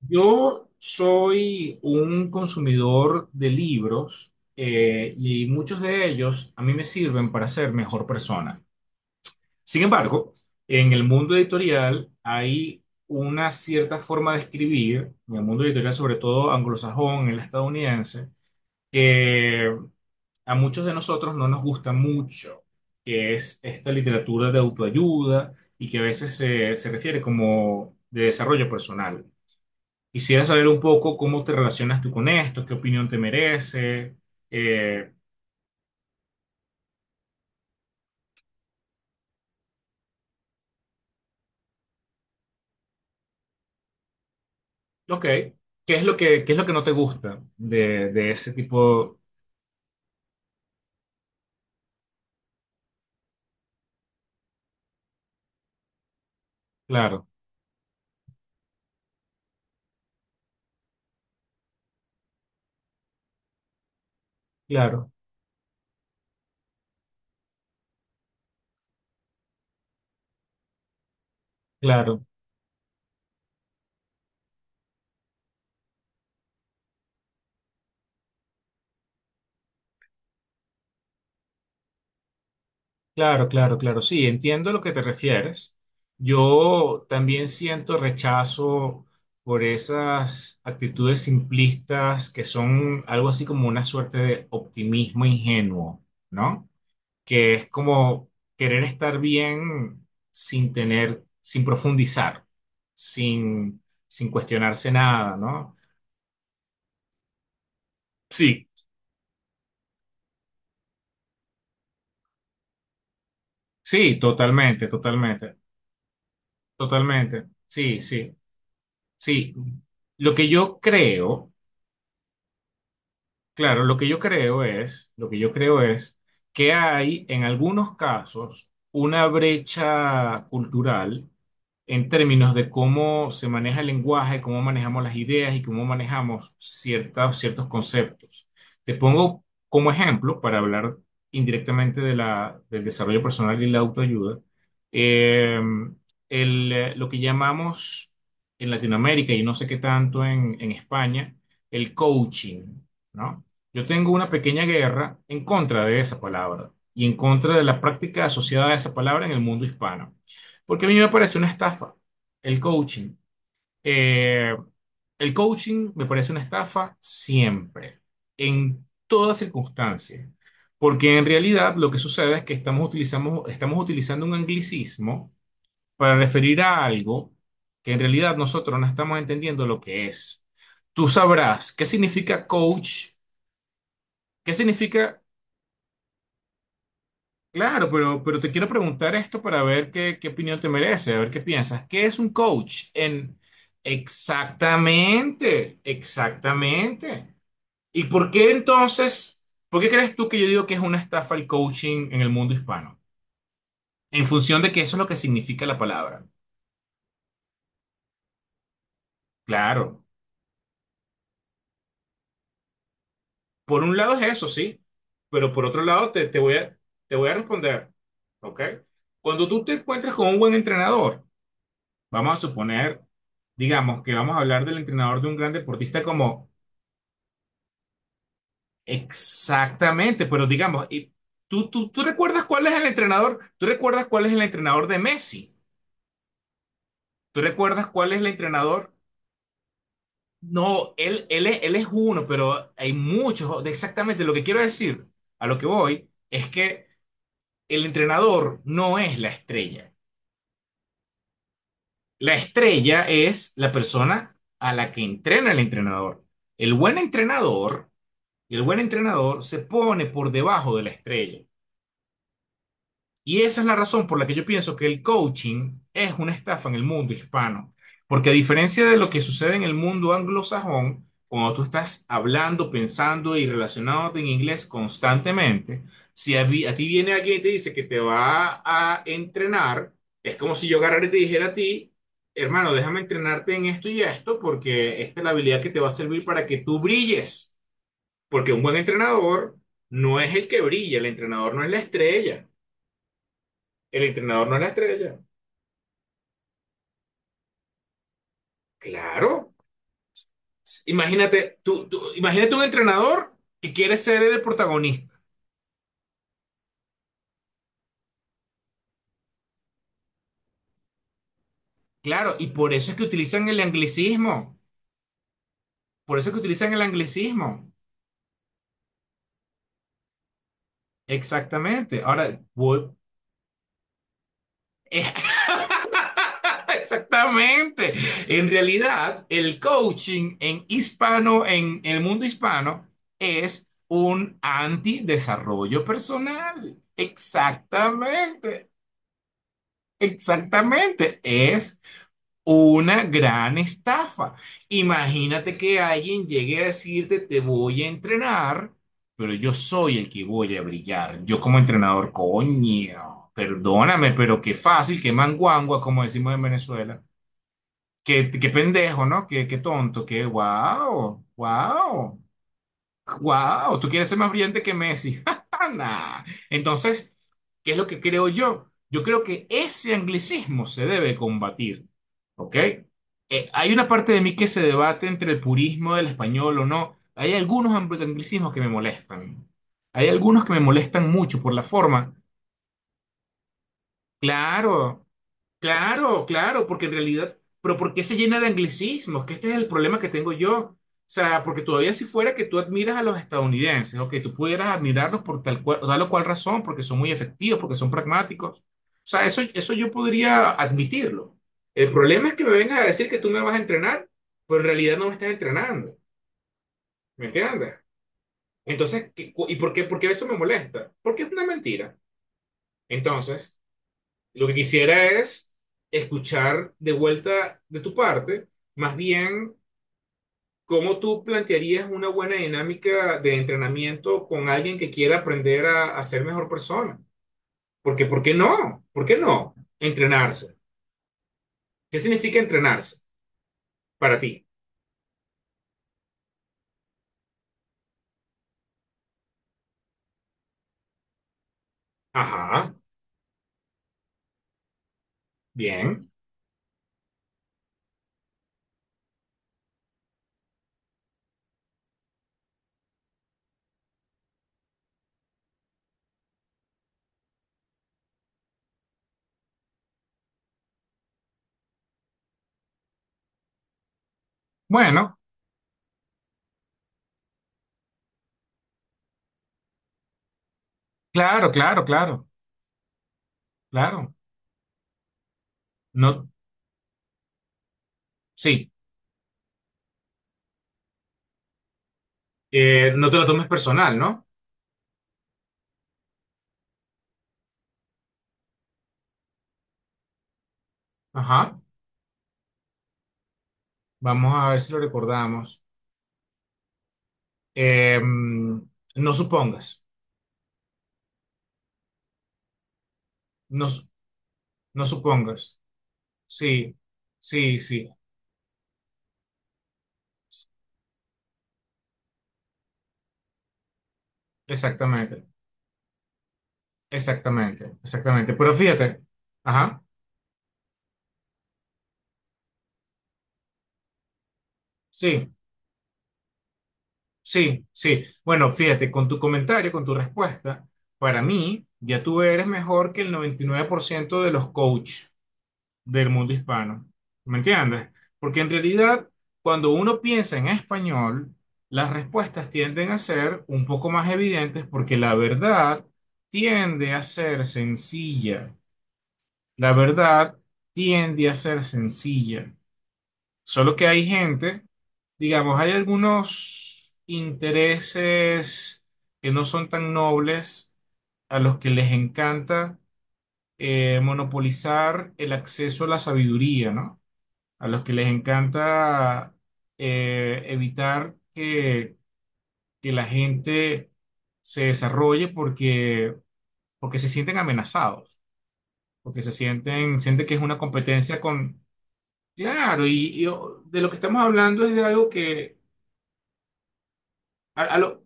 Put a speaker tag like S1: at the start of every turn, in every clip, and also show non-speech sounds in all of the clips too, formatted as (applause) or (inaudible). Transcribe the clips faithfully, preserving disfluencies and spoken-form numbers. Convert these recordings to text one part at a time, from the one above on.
S1: Yo soy un consumidor de libros eh, y muchos de ellos a mí me sirven para ser mejor persona. Sin embargo, en el mundo editorial hay una cierta forma de escribir, en el mundo editorial sobre todo anglosajón, el estadounidense, que a muchos de nosotros no nos gusta mucho, que es esta literatura de autoayuda y que a veces se, se refiere como de desarrollo personal. Quisiera saber un poco cómo te relacionas tú con esto, qué opinión te merece. eh, ok, ¿qué es lo que, qué es lo que no te gusta de, de ese tipo? Claro, claro, claro, claro, claro, claro. Sí, entiendo a lo que te refieres. Yo también siento rechazo por esas actitudes simplistas que son algo así como una suerte de optimismo ingenuo, ¿no? Que es como querer estar bien sin tener, sin profundizar, sin, sin cuestionarse nada, ¿no? Sí, sí, totalmente, totalmente, totalmente, sí, sí, sí. Lo que yo creo Claro, lo que yo creo es, lo que yo creo es que hay en algunos casos una brecha cultural en términos de cómo se maneja el lenguaje, cómo manejamos las ideas y cómo manejamos ciertas, ciertos conceptos. Te pongo como ejemplo, para hablar indirectamente de la, del desarrollo personal y la autoayuda, eh, el, eh, lo que llamamos en Latinoamérica y no sé qué tanto en, en España, el coaching, ¿no? Yo tengo una pequeña guerra en contra de esa palabra y en contra de la práctica asociada a esa palabra en el mundo hispano. Porque a mí me parece una estafa el coaching. Eh, el coaching me parece una estafa siempre, en toda circunstancia. Porque en realidad lo que sucede es que estamos, utilizamos, estamos utilizando un anglicismo para referir a algo que en realidad nosotros no estamos entendiendo lo que es. Tú sabrás qué significa coach, qué significa Claro, pero, pero te quiero preguntar esto para ver qué, qué opinión te merece, a ver qué piensas. ¿Qué es un coach? En... Exactamente, exactamente. ¿Y por qué entonces, por qué crees tú que yo digo que es una estafa el coaching en el mundo hispano? En función de que eso es lo que significa la palabra. Claro, por un lado es eso, sí, pero por otro lado te, te voy a, te voy a responder, ¿ok? Cuando tú te encuentras con un buen entrenador, vamos a suponer, digamos, que vamos a hablar del entrenador de un gran deportista como exactamente, pero digamos, y ¿tú, tú, tú recuerdas cuál es el entrenador? ¿Tú recuerdas cuál es el entrenador de Messi? ¿Tú recuerdas cuál es el entrenador? No, él, él, es- él es uno, pero hay muchos. Exactamente, lo que quiero decir, a lo que voy, es que el entrenador no es la estrella. La estrella es la persona a la que entrena el entrenador. El buen entrenador Y el buen entrenador se pone por debajo de la estrella. Y esa es la razón por la que yo pienso que el coaching es una estafa en el mundo hispano. Porque a diferencia de lo que sucede en el mundo anglosajón, cuando tú estás hablando, pensando y relacionándote en inglés constantemente, si a, vi- a ti viene alguien y te dice que te va a entrenar, es como si yo agarrara y te dijera a ti, hermano, déjame entrenarte en esto y esto, porque esta es la habilidad que te va a servir para que tú brilles. Porque un buen entrenador no es el que brilla, el entrenador no es la estrella. El entrenador no es la estrella. Claro. S- Imagínate, tú, tú- imagínate un entrenador que quiere ser el protagonista. Claro, y por eso es que utilizan el anglicismo. Por eso es que utilizan el anglicismo. Exactamente. Ahora, voy- es (laughs) exactamente. En realidad, el coaching en hispano, en el mundo hispano, es un antidesarrollo personal. Exactamente. Exactamente. Es una gran estafa. Imagínate que alguien llegue a decirte, te voy a entrenar, pero yo soy el que voy a brillar. Yo como entrenador, coño. Perdóname, pero qué fácil, qué manguangua, como decimos en Venezuela. Qué, qué pendejo, ¿no? Qué, qué tonto, qué wow, wow, wow. Tú quieres ser más brillante que Messi. (laughs) Nah. Entonces, ¿qué es lo que creo yo? Yo creo que ese anglicismo se debe combatir, ¿ok? Eh, hay una parte de mí que se debate entre el purismo del español o no. Hay algunos ang- anglicismos que me molestan. Hay algunos que me molestan mucho por la forma. Claro. Claro, claro, porque en realidad, pero ¿por qué se llena de anglicismos? Que este es el problema que tengo yo. O sea, porque todavía si fuera que tú admiras a los estadounidenses, o que tú pudieras admirarlos por tal cual, tal o cual razón, porque son muy efectivos, porque son pragmáticos. O sea, eso, eso yo podría admitirlo. El problema es que me vengas a decir que tú me vas a entrenar, pero en realidad no me estás entrenando. ¿Me entiendes? Entonces, ¿qué- cu- ¿y por qué, por qué eso me molesta? Porque es una mentira. Entonces... Lo que quisiera es escuchar de vuelta de tu parte, más bien cómo tú plantearías una buena dinámica de entrenamiento con alguien que quiera aprender a, a ser mejor persona. Porque, ¿por qué no? ¿Por qué no? Entrenarse. ¿Qué significa entrenarse para ti? Ajá, bien. Bueno, claro, claro, claro, claro. No, sí, Eh, no te lo tomes personal, ¿no? Ajá, vamos a ver si lo recordamos. Em, no supongas. No, su- no supongas. Sí, sí, sí. Exactamente, exactamente, exactamente. Pero fíjate, ajá, sí, sí, sí. Bueno, fíjate, con tu comentario, con tu respuesta, para mí, ya tú eres mejor que el noventa y nueve por ciento de los coaches del mundo hispano. ¿Me entiendes? Porque en realidad, cuando uno piensa en español, las respuestas tienden a ser un poco más evidentes porque la verdad tiende a ser sencilla. La verdad tiende a ser sencilla, solo que hay gente, digamos, hay algunos intereses que no son tan nobles a los que les encanta eh, monopolizar el acceso a la sabiduría, ¿no? A los que les encanta eh, evitar que, que la gente se desarrolle porque, porque se sienten amenazados, porque se sienten, sienten que es una competencia con Claro, y, yo- de lo que estamos hablando es de algo que a- a lo-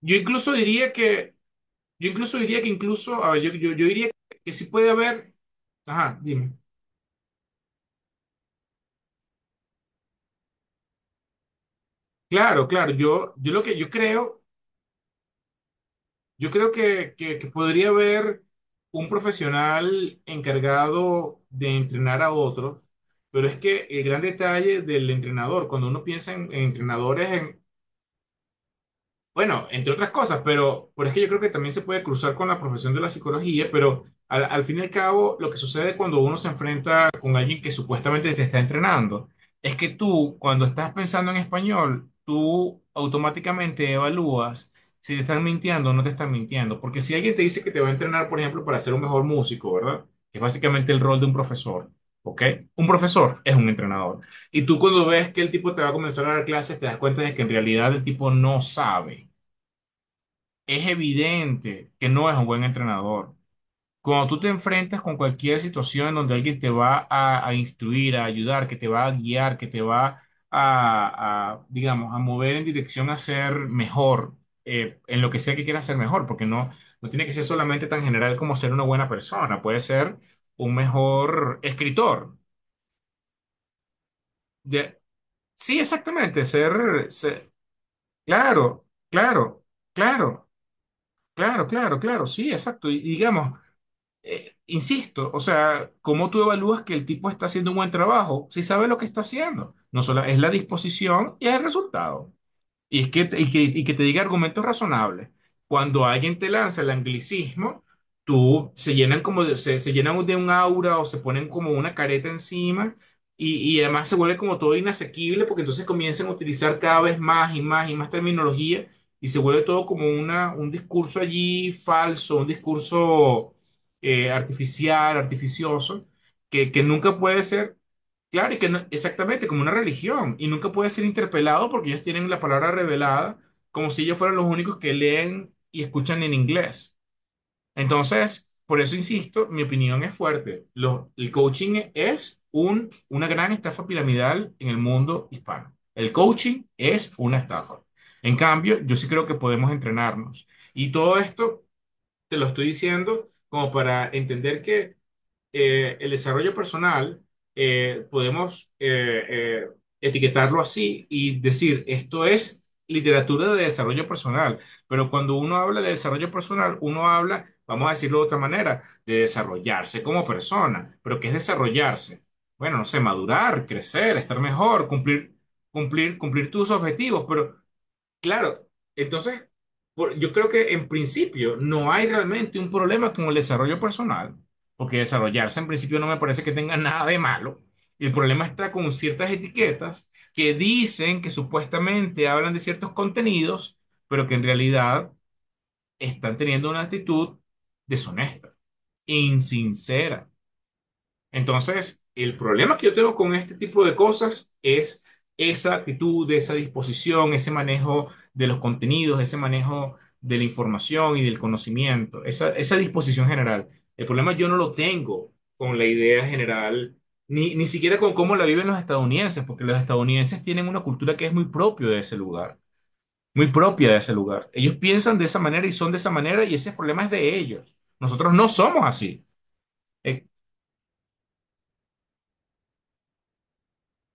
S1: yo incluso diría que yo incluso diría que incluso a ver, yo, yo, yo diría que sí puede haber ajá, dime. Claro, claro, yo yo lo que yo creo, yo creo que, que, que podría haber un profesional encargado de entrenar a otros, pero es que el gran detalle del entrenador, cuando uno piensa en, en entrenadores Bueno, entre otras cosas, pero, pero es que yo creo que también se puede cruzar con la profesión de la psicología, pero al, al fin y al cabo lo que sucede cuando uno se enfrenta con alguien que supuestamente te está entrenando es que tú, cuando estás pensando en español, tú automáticamente evalúas si te están mintiendo o no te están mintiendo, porque si alguien te dice que te va a entrenar, por ejemplo, para ser un mejor músico, ¿verdad? Que es básicamente el rol de un profesor, ¿ok? Un profesor es un entrenador. Y tú cuando ves que el tipo te va a comenzar a dar clases, te das cuenta de que en realidad el tipo no sabe es evidente que no es un buen entrenador. Cuando tú te enfrentas con cualquier situación en donde alguien te va a, a instruir, a ayudar, que te va a guiar, que te va a, a, digamos, a mover en dirección a ser mejor, eh, en lo que sea que quieras ser mejor, porque no, no tiene que ser solamente tan general como ser una buena persona, puede ser un mejor escritor. De- sí, exactamente, ser, ser- claro, claro, claro, claro, claro, claro, sí, exacto. Y digamos, eh, insisto, o sea, ¿cómo tú evalúas que el tipo está haciendo un buen trabajo? Si sabe lo que está haciendo. No solo es la disposición y el resultado. Y, es que, te- y, que, y que te diga argumentos razonables. Cuando alguien te lanza el anglicismo, tú se llenan como de, se, se llenan de un aura o se ponen como una careta encima y, y además se vuelve como todo inasequible porque entonces comienzan a utilizar cada vez más y más y más terminología y se vuelve todo como una, un discurso allí falso, un discurso eh, artificial, artificioso, que, que nunca puede ser. Claro, y que no- exactamente como una religión, y nunca puede ser interpelado porque ellos tienen la palabra revelada, como si ellos fueran los únicos que leen y escuchan en inglés. Entonces, por eso insisto, mi opinión es fuerte. Los- el coaching es un, una gran estafa piramidal en el mundo hispano. El coaching es una estafa. En cambio, yo sí creo que podemos entrenarnos. Y todo esto te lo estoy diciendo como para entender que eh, el desarrollo personal eh, podemos eh, eh, etiquetarlo así y decir, esto es literatura de desarrollo personal. Pero cuando uno habla de desarrollo personal, uno habla, vamos a decirlo de otra manera, de desarrollarse como persona. ¿Pero qué es desarrollarse? Bueno, no sé, madurar, crecer, estar mejor, cumplir, cumplir, cumplir tus objetivos, pero claro, entonces por- yo creo que en principio no hay realmente un problema con el desarrollo personal, porque desarrollarse en principio no me parece que tenga (laughs) nada de malo. Y el problema está con ciertas etiquetas que dicen que supuestamente hablan de ciertos contenidos, pero que en realidad están teniendo una actitud deshonesta, insincera. Entonces, el problema que yo tengo con este tipo de cosas es esa actitud, esa disposición, ese manejo de los contenidos, ese manejo de la información y del conocimiento, esa, esa disposición general. El problema yo no lo tengo con la idea general, ni, ni siquiera con cómo la viven los estadounidenses, porque los estadounidenses tienen una cultura que es muy propio de ese lugar, muy propia de ese lugar. Ellos piensan de esa manera y son de esa manera y ese problema es de ellos. Nosotros no somos así. Eh,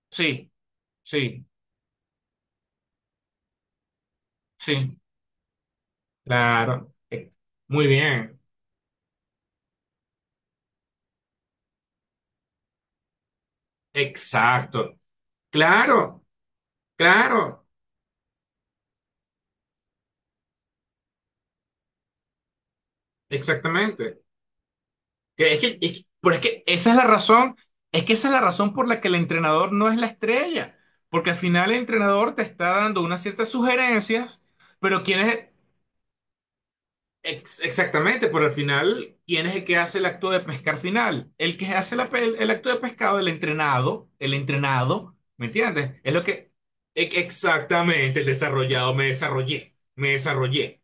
S1: sí, sí. Sí, claro, eh, muy bien, exacto, claro, claro, exactamente. Que es que, es que- pero es que esa es la razón, es que esa es la razón por la que el entrenador no es la estrella, porque al final el entrenador te está dando unas ciertas sugerencias, pero quién es, Ex- exactamente, pero al final, ¿quién es el que hace el acto de pescar final? El que hace la pe- el acto de pescado, el entrenado, el entrenado, ¿me entiendes? Es lo que... e- Exactamente, el desarrollado, me desarrollé, me desarrollé,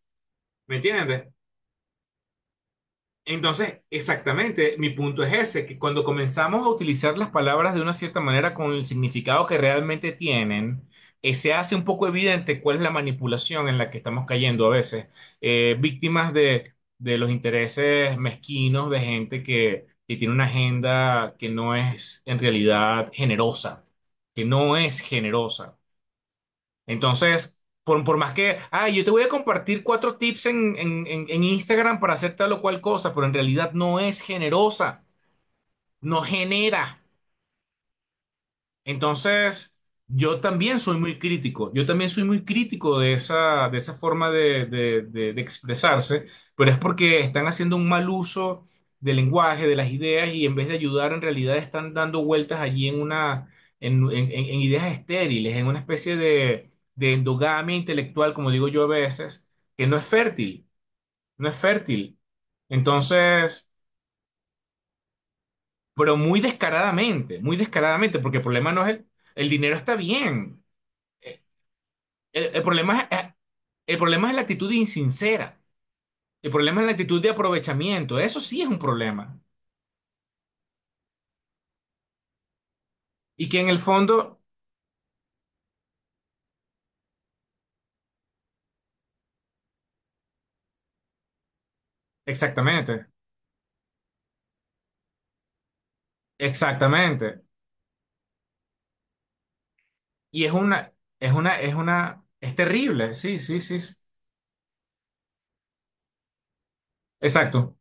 S1: ¿me entiendes? Entonces, exactamente, mi punto es ese, que cuando comenzamos a utilizar las palabras de una cierta manera con el significado que realmente tienen, eh, se hace un poco evidente cuál es la manipulación en la que estamos cayendo a veces. Eh, víctimas de, de los intereses mezquinos de gente que, que tiene una agenda que no es en realidad generosa, que no es generosa. Entonces, por, por más que, ah, yo te voy a compartir cuatro tips en, en, en en Instagram para hacer tal o cual cosa, pero en realidad no es generosa, no genera. Entonces, yo también soy muy crítico, yo también soy muy crítico de esa, de esa forma de, de- de- de expresarse, pero es porque están haciendo un mal uso del lenguaje, de las ideas, y en vez de ayudar, en realidad están dando vueltas allí en una, en, en- en- en ideas estériles, en una especie de, de endogamia intelectual, como digo yo a veces, que no es fértil, no es fértil. Entonces, pero muy descaradamente, muy descaradamente, porque el problema no es el, el dinero está bien. El, el problema es, eh, el problema es la actitud insincera. El problema es la actitud de aprovechamiento. Eso sí es un problema. Y que en el fondo, exactamente, exactamente. Y es una, es una, es una, es terrible. Sí, sí, sí. Sí. Exacto.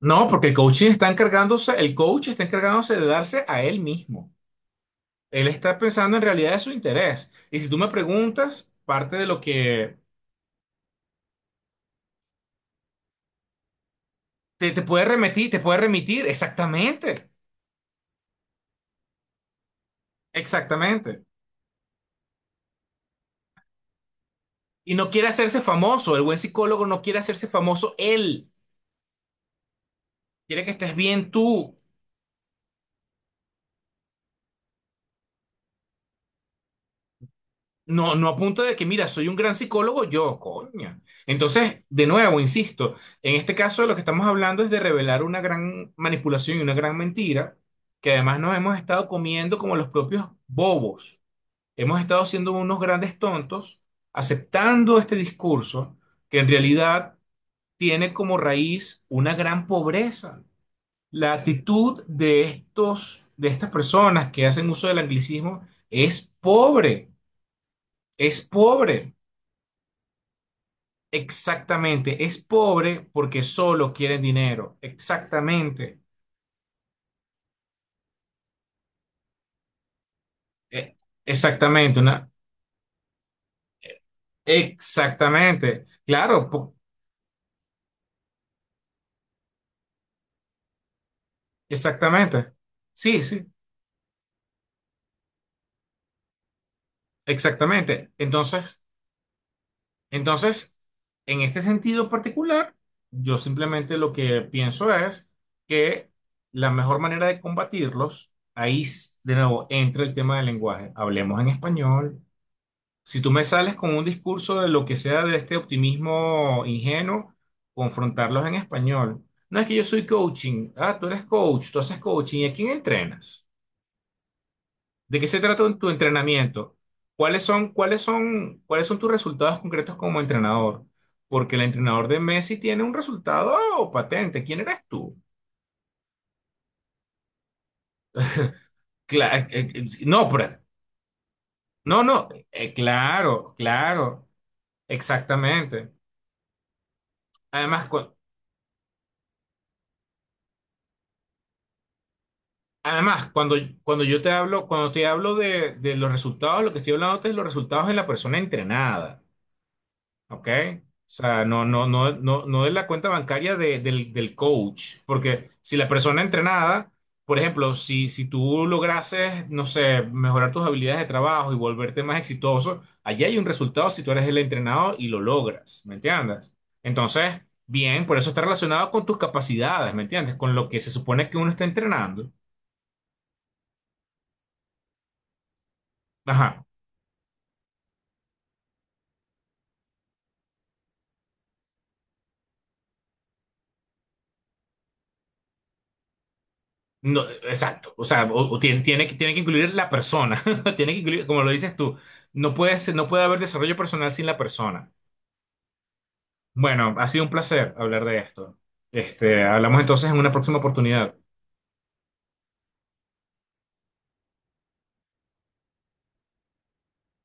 S1: No, porque el coaching está encargándose, el coach está encargándose de darse a él mismo. Él está pensando en realidad de su interés. Y si tú me preguntas, parte de lo que te, te puede remitir, te puede remitir, exactamente, exactamente. Y no quiere hacerse famoso, el buen psicólogo no quiere hacerse famoso él, quiere que estés bien tú. No, no a punto de que, mira, soy un gran psicólogo yo, coño. Entonces, de nuevo, insisto, en este caso lo que estamos hablando es de revelar una gran manipulación y una gran mentira, que además nos hemos estado comiendo como los propios bobos. Hemos estado siendo unos grandes tontos aceptando este discurso que en realidad tiene como raíz una gran pobreza. La actitud de estos, de estas personas que hacen uso del anglicismo es pobre, es pobre, exactamente, es pobre porque solo quieren dinero, exactamente, eh, exactamente, una, eh, exactamente, claro, po- exactamente, sí, sí, exactamente. Entonces, Entonces, en este sentido particular, yo simplemente lo que pienso es que la mejor manera de combatirlos, ahí s- de nuevo entra el tema del lenguaje. Hablemos en español. Si tú me sales con un discurso de lo que sea de este optimismo ingenuo, confrontarlos en español. No es que yo soy coaching. Ah, tú eres coach, tú haces coaching. ¿Y a quién entrenas? ¿De qué se trata tu entrenamiento? ¿Cuáles son, cuáles son, cuáles son tus resultados concretos como entrenador? Porque el entrenador de Messi tiene un resultado patente. ¿Quién eres tú? Cla- eh, eh, eh, sí, no, pero- no, no, eh, claro, claro, exactamente. Además, cu- Además cuando, cuando yo te hablo, cuando te hablo de, de los resultados, lo que estoy hablando es de los resultados en la persona entrenada. ¿Ok? O sea, no, no, no, no, no de la cuenta bancaria de- del, del coach, porque si la persona entrenada, por ejemplo, si, si tú lograses, no sé, mejorar tus habilidades de trabajo y volverte más exitoso, allí hay un resultado si tú eres el entrenado y lo logras, ¿me entiendes? Entonces, bien, por eso está relacionado con tus capacidades, ¿me entiendes? Con lo que se supone que uno está entrenando. Ajá. No, exacto. O sea, o- o tiene, tiene que, tiene que incluir la persona. (laughs) Tiene que incluir, como lo dices tú, no puede ser- no puede haber desarrollo personal sin la persona. Bueno, ha sido un placer hablar de esto. Este, hablamos entonces en una próxima oportunidad.